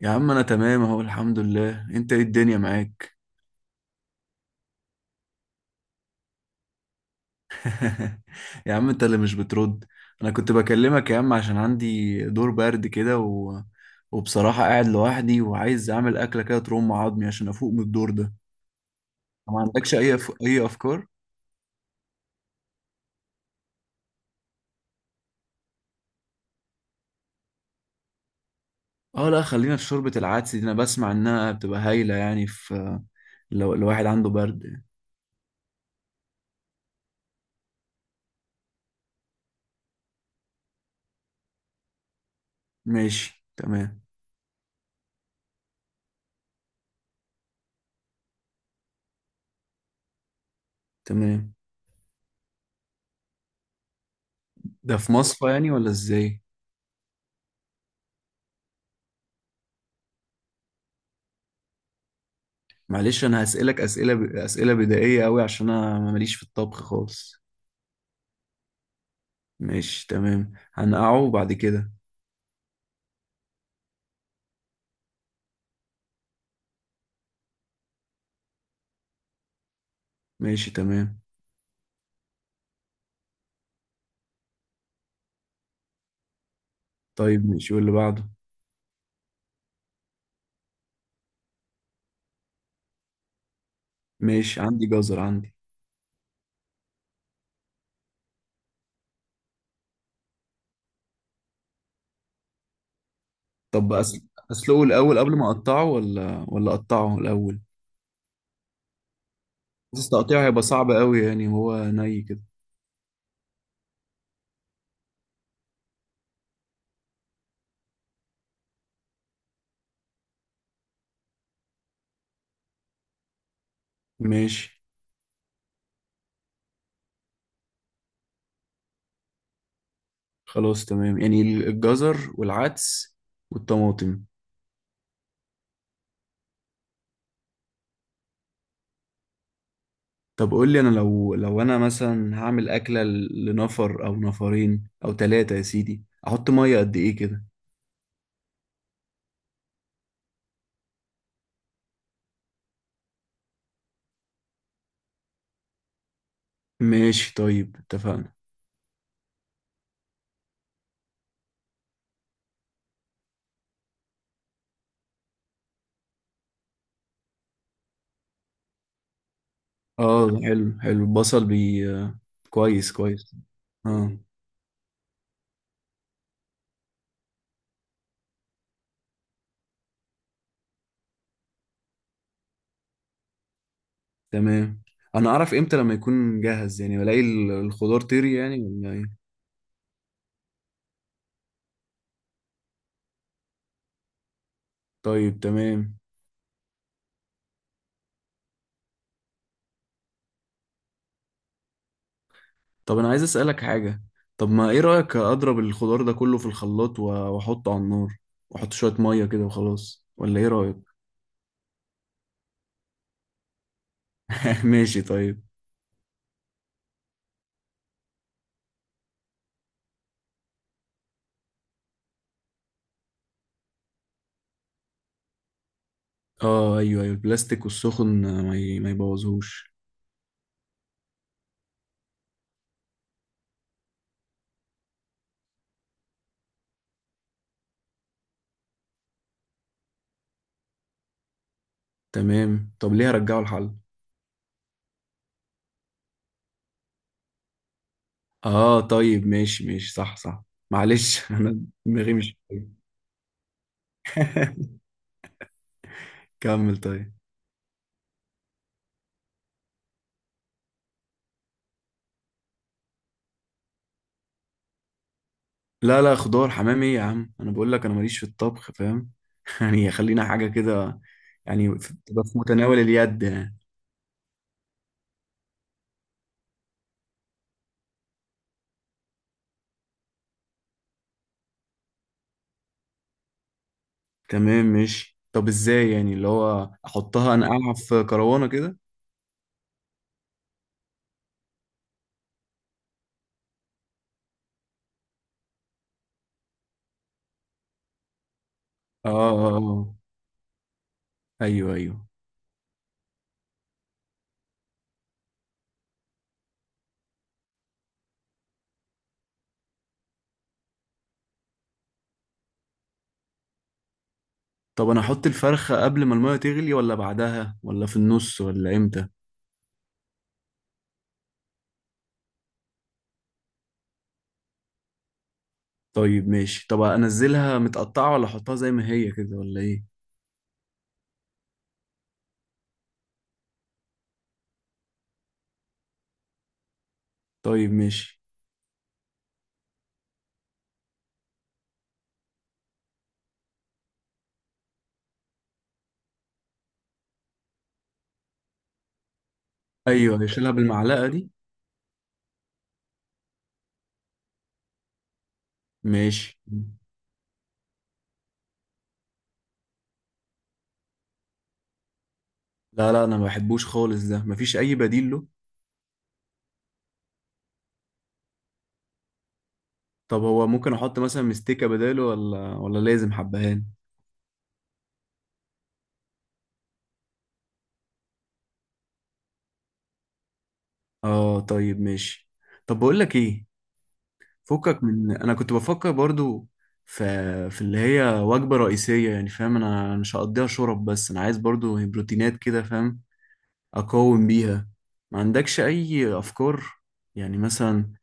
يا عم انا تمام اهو، الحمد لله. انت ايه؟ الدنيا معاك؟ يا عم انت اللي مش بترد. انا كنت بكلمك يا عم عشان عندي دور برد كده وبصراحة قاعد لوحدي وعايز اعمل اكلة كده ترم عظمي عشان افوق من الدور ده. ما عندكش اي اي افكار؟ اه لا، خلينا في شوربة العدس دي، انا بسمع انها بتبقى هايلة يعني في لو الواحد عنده برد يعني. ماشي تمام. تمام. ده في مصفى يعني ولا ازاي؟ معلش انا هسألك اسئله بدائيه قوي عشان انا ماليش في الطبخ خالص. ماشي تمام، هنقعه بعد كده. ماشي تمام. طيب ماشي، واللي بعده؟ ماشي، عندي جزر عندي. طب اسلقه الاول قبل ما اقطعه ولا اقطعه الاول؟ بس تقطيعه هيبقى صعب قوي، يعني هو ني كده. ماشي. خلاص تمام، يعني الجزر والعدس والطماطم. طب قول لي انا، لو انا مثلا هعمل اكله لنفر او نفرين او ثلاثه يا سيدي، احط ميه قد ايه كده؟ ماشي طيب، اتفقنا. اه حلو حلو، البصل بي آه، كويس كويس. اه. تمام. انا اعرف امتى لما يكون جاهز؟ يعني بلاقي الخضار طري يعني ولا ايه؟ طيب تمام. طب انا عايز اسالك حاجه. طب ما ايه رايك اضرب الخضار ده كله في الخلاط واحطه على النار، واحط شويه ميه كده وخلاص؟ ولا ايه رايك؟ ماشي طيب. اه ايوه ايوه، البلاستيك والسخن ما يبوظهوش. تمام. طب ليه رجعوا الحل؟ اه طيب ماشي ماشي، صح صح. معلش انا دماغي مش. كمل طيب. لا لا، خضار حمام ايه يا عم، انا بقول لك انا ماليش في الطبخ فاهم. يعني خلينا حاجه كده، يعني تبقى في متناول اليد يعني. تمام ماشي. طب ازاي يعني اللي هو احطها، انقعها في كروانه كده؟ اه اه، آه. ايوه ايوه. طب انا احط الفرخة قبل ما المية تغلي ولا بعدها ولا في النص ولا امتى؟ طيب ماشي. طب انزلها متقطعة ولا احطها زي ما هي كده ولا ايه؟ طيب ماشي. ايوه أيوه، اشيلها بالمعلقة دي. ماشي. لا لا، انا ما بحبوش خالص، ده مفيش اي بديل له؟ طب هو ممكن احط مثلا مستكة بداله ولا لازم حبهان؟ اه طيب ماشي. طب بقول لك ايه؟ فكك من، انا كنت بفكر برضو في اللي هي وجبة رئيسية يعني، فاهم؟ انا مش هقضيها شرب بس، انا عايز برضو بروتينات كده، فاهم؟ اقاوم بيها. ما عندكش اي افكار؟ يعني مثلا.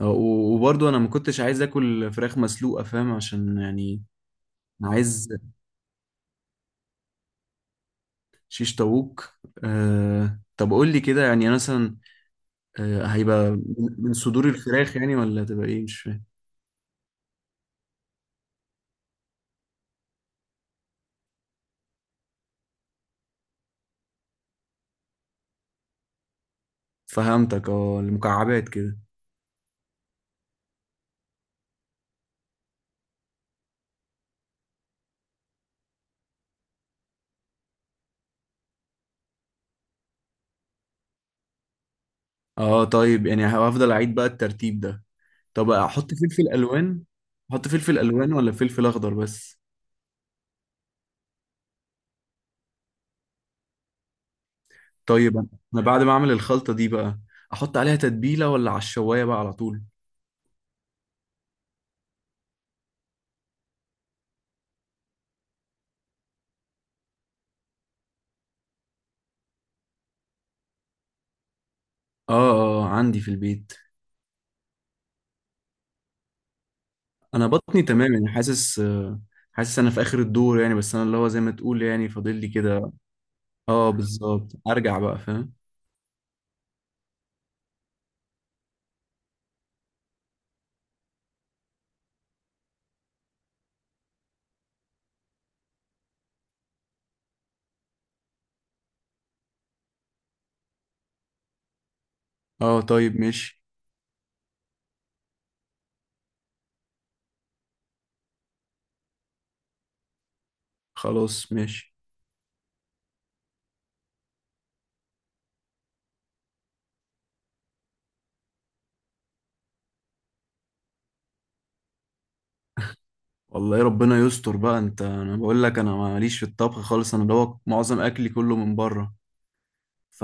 وبرضو انا ما كنتش عايز اكل فراخ مسلوقة، فاهم؟ عشان يعني انا عايز شيش طاووق. أه طب قول لي كده يعني مثلا. أه هيبقى من صدور الفراخ يعني ولا هتبقى ايه؟ مش فاهم. فهمتك، اه المكعبات كده. اه طيب، يعني هفضل اعيد بقى الترتيب ده. طب احط فلفل الوان؟ احط فلفل الوان ولا فلفل اخضر بس؟ طيب انا بعد ما اعمل الخلطة دي بقى، احط عليها تتبيلة ولا على الشواية بقى على طول؟ اه اه عندي في البيت. انا بطني تمام يعني، حاسس حاسس انا في اخر الدور يعني، بس انا اللي هو زي ما تقول يعني فاضل لي كده. اه بالظبط، ارجع بقى فاهم. اه طيب ماشي. خلاص ماشي. والله ربنا يستر بقى، انت انا بقول لك انا ماليش في الطبخ خالص، انا دوت معظم اكلي كله من بره. ف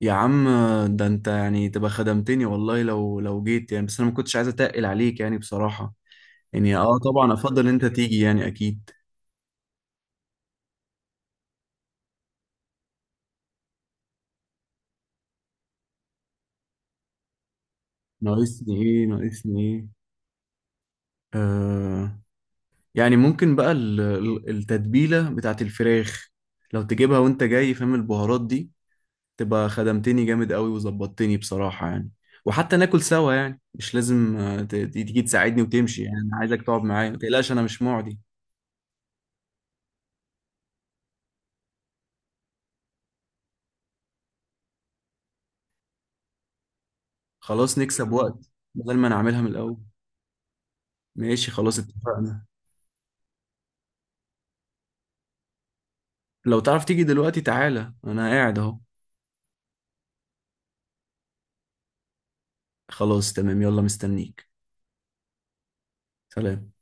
يا عم، ده انت يعني تبقى خدمتني والله، لو جيت يعني، بس انا ما كنتش عايز اتقل عليك يعني بصراحة. يعني اه طبعا افضل انت تيجي يعني اكيد. ناقصني ايه؟ ناقصني ايه؟ آه. يعني ممكن بقى التتبيلة بتاعت الفراخ لو تجيبها وانت جاي، فاهم؟ البهارات دي تبقى خدمتني جامد قوي وظبطتني بصراحة يعني. وحتى ناكل سوا يعني، مش لازم تيجي تساعدني وتمشي يعني، انا عايزك تقعد معايا، ما تقلقش انا مش معدي. خلاص نكسب وقت، بدل ما نعملها من الأول. ماشي خلاص اتفقنا. لو تعرف تيجي دلوقتي تعالى، أنا قاعد أهو. خلاص تمام، يلا مستنيك. سلام.